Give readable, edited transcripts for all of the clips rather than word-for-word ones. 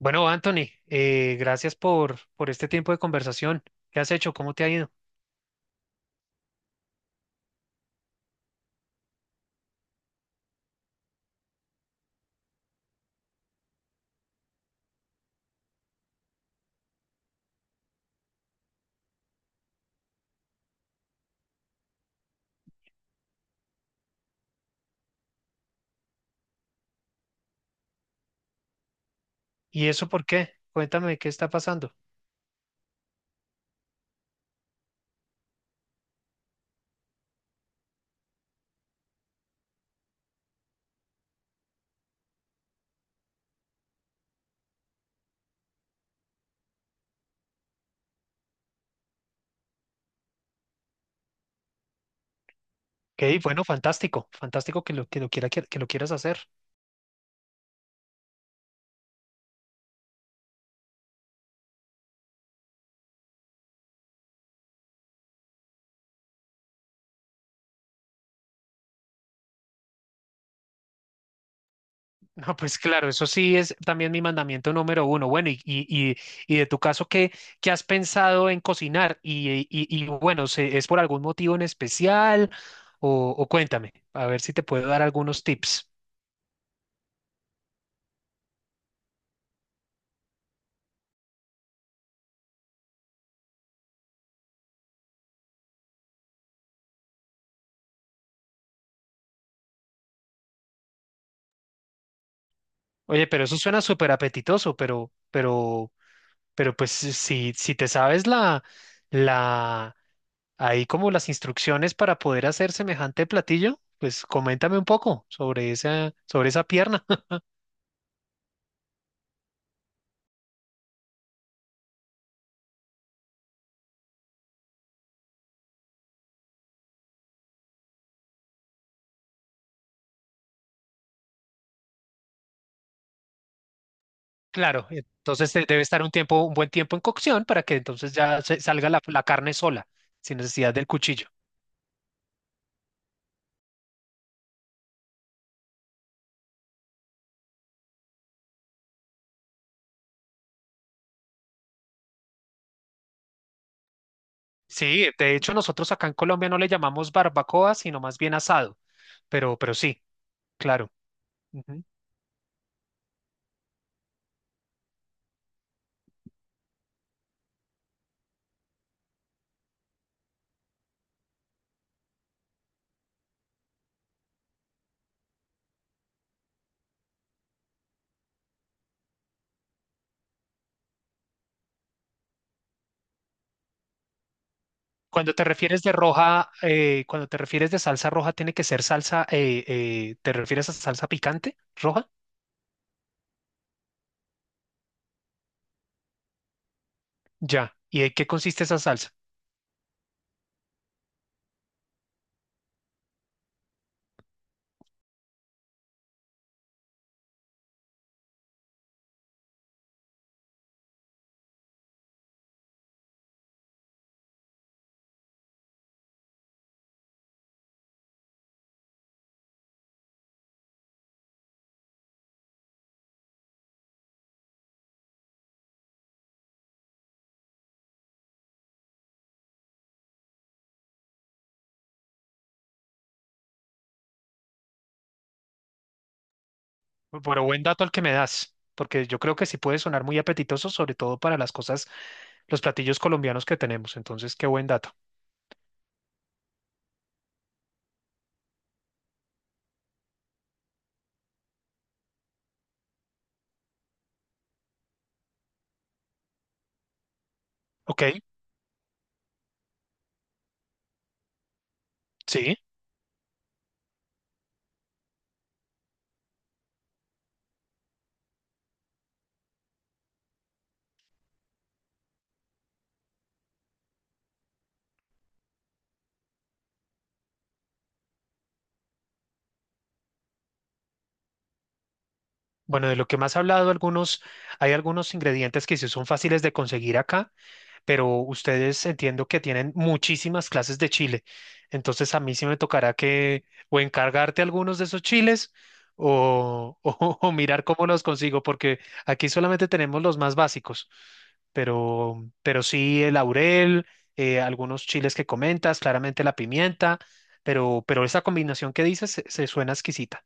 Bueno, Anthony, gracias por este tiempo de conversación. ¿Qué has hecho? ¿Cómo te ha ido? ¿Y eso por qué? Cuéntame qué está pasando. Ok, bueno, fantástico, que lo quieras hacer. No, pues claro, eso sí es también mi mandamiento número uno. Bueno, y, y de tu caso, ¿qué has pensado en cocinar? Y bueno, ¿es por algún motivo en especial? O cuéntame, a ver si te puedo dar algunos tips. Oye, pero eso suena súper apetitoso, pero si te sabes la, ahí como las instrucciones para poder hacer semejante platillo, pues coméntame un poco sobre sobre esa pierna. Claro, entonces debe estar un tiempo, un buen tiempo en cocción para que entonces salga la carne sola, sin necesidad del cuchillo. Sí, de hecho nosotros acá en Colombia no le llamamos barbacoa, sino más bien asado, pero sí, claro. Ujú. Cuando te refieres de roja, cuando te refieres de salsa roja, ¿tiene que ser salsa, te refieres a salsa picante roja? Ya. ¿Y de qué consiste esa salsa? Pero buen dato el que me das, porque yo creo que sí puede sonar muy apetitoso, sobre todo para las cosas, los platillos colombianos que tenemos. Entonces, qué buen dato. Ok, sí. Bueno, de lo que más he hablado, hay algunos ingredientes que sí son fáciles de conseguir acá, pero ustedes entiendo que tienen muchísimas clases de chile. Entonces a mí sí me tocará que o encargarte algunos de esos chiles o, o mirar cómo los consigo, porque aquí solamente tenemos los más básicos, pero sí el laurel, algunos chiles que comentas, claramente la pimienta, pero esa combinación que dices se suena exquisita.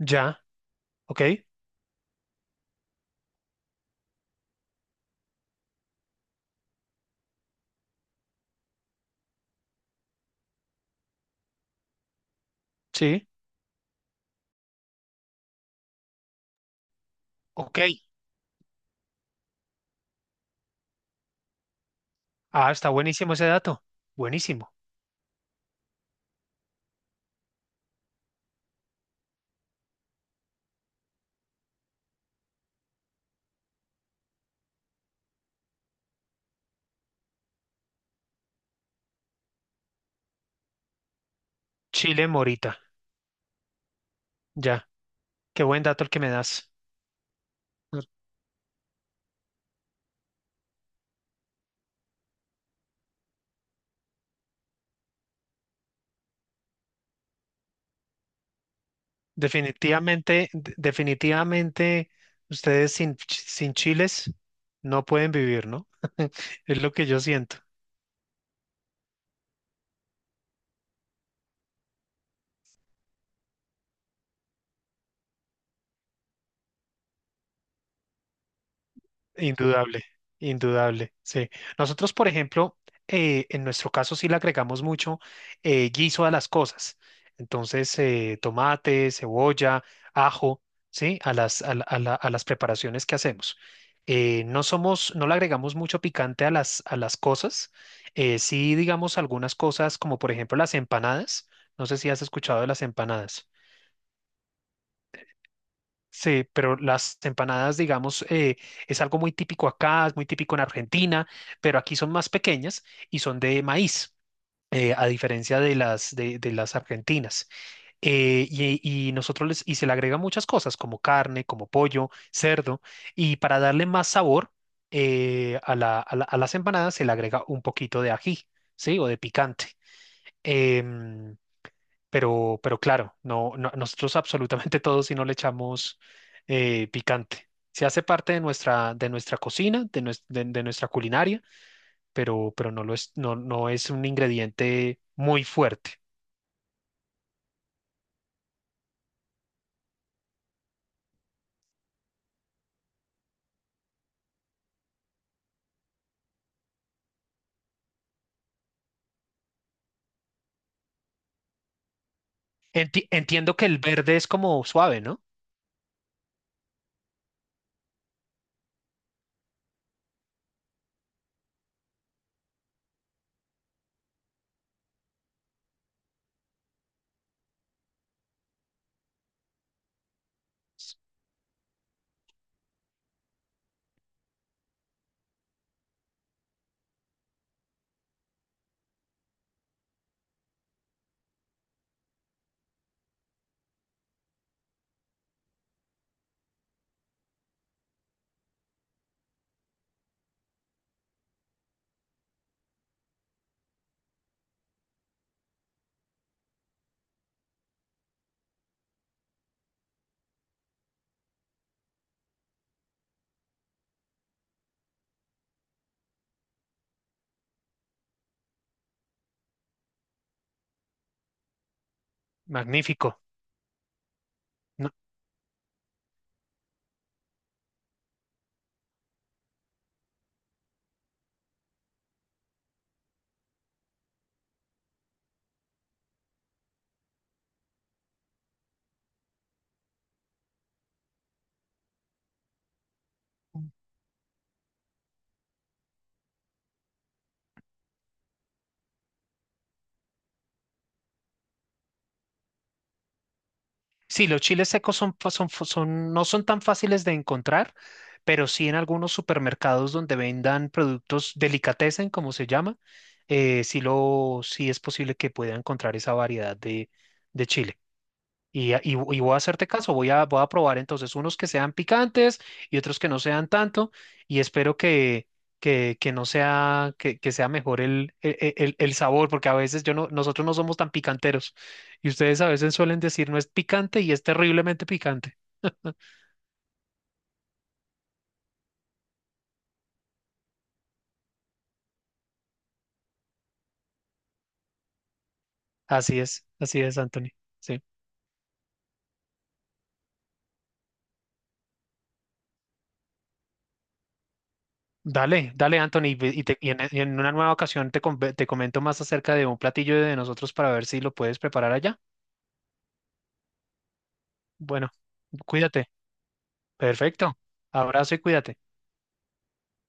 Ya, ok, sí, ok. Ah, está buenísimo ese dato. Buenísimo. Chile Morita, ya. Qué buen dato el que me das. Mm. Definitivamente, definitivamente, ustedes sin chiles no pueden vivir, ¿no? Es lo que yo siento. Indudable, indudable, sí. Nosotros, por ejemplo, en nuestro caso sí le agregamos mucho guiso a las cosas. Entonces, tomate, cebolla, ajo, ¿sí? A las, a la- a la- a las preparaciones que hacemos. No somos, no le agregamos mucho picante a a las cosas. Sí, digamos algunas cosas, como por ejemplo las empanadas. No sé si has escuchado de las empanadas. Sí, pero las empanadas, digamos, es algo muy típico acá, es muy típico en Argentina, pero aquí son más pequeñas y son de maíz, a diferencia de de las argentinas. Eh, y, y nosotros y se le agrega muchas cosas, como carne, como pollo, cerdo, y para darle más sabor a las empanadas se le agrega un poquito de ají, ¿sí? O de picante. Em, pero claro, nosotros absolutamente todos si no le echamos picante. Se hace parte de nuestra cocina, de nuestra culinaria, pero no lo es, no es un ingrediente muy fuerte. Entiendo que el verde es como suave, ¿no? Magnífico. No. Sí, los chiles secos no son tan fáciles de encontrar, pero sí en algunos supermercados donde vendan productos delicatessen, como se llama, sí es posible que pueda encontrar esa variedad de chile. Y voy a hacerte caso, voy a probar entonces unos que sean picantes y otros que no sean tanto, y espero que no sea, que sea mejor el sabor, porque a veces yo no, nosotros no somos tan picanteros, y ustedes a veces suelen decir no es picante y es terriblemente picante. Así es, Anthony. Sí. Dale, dale, Anthony, y en una nueva ocasión te comento más acerca de un platillo de nosotros para ver si lo puedes preparar allá. Bueno, cuídate. Perfecto. Abrazo y cuídate.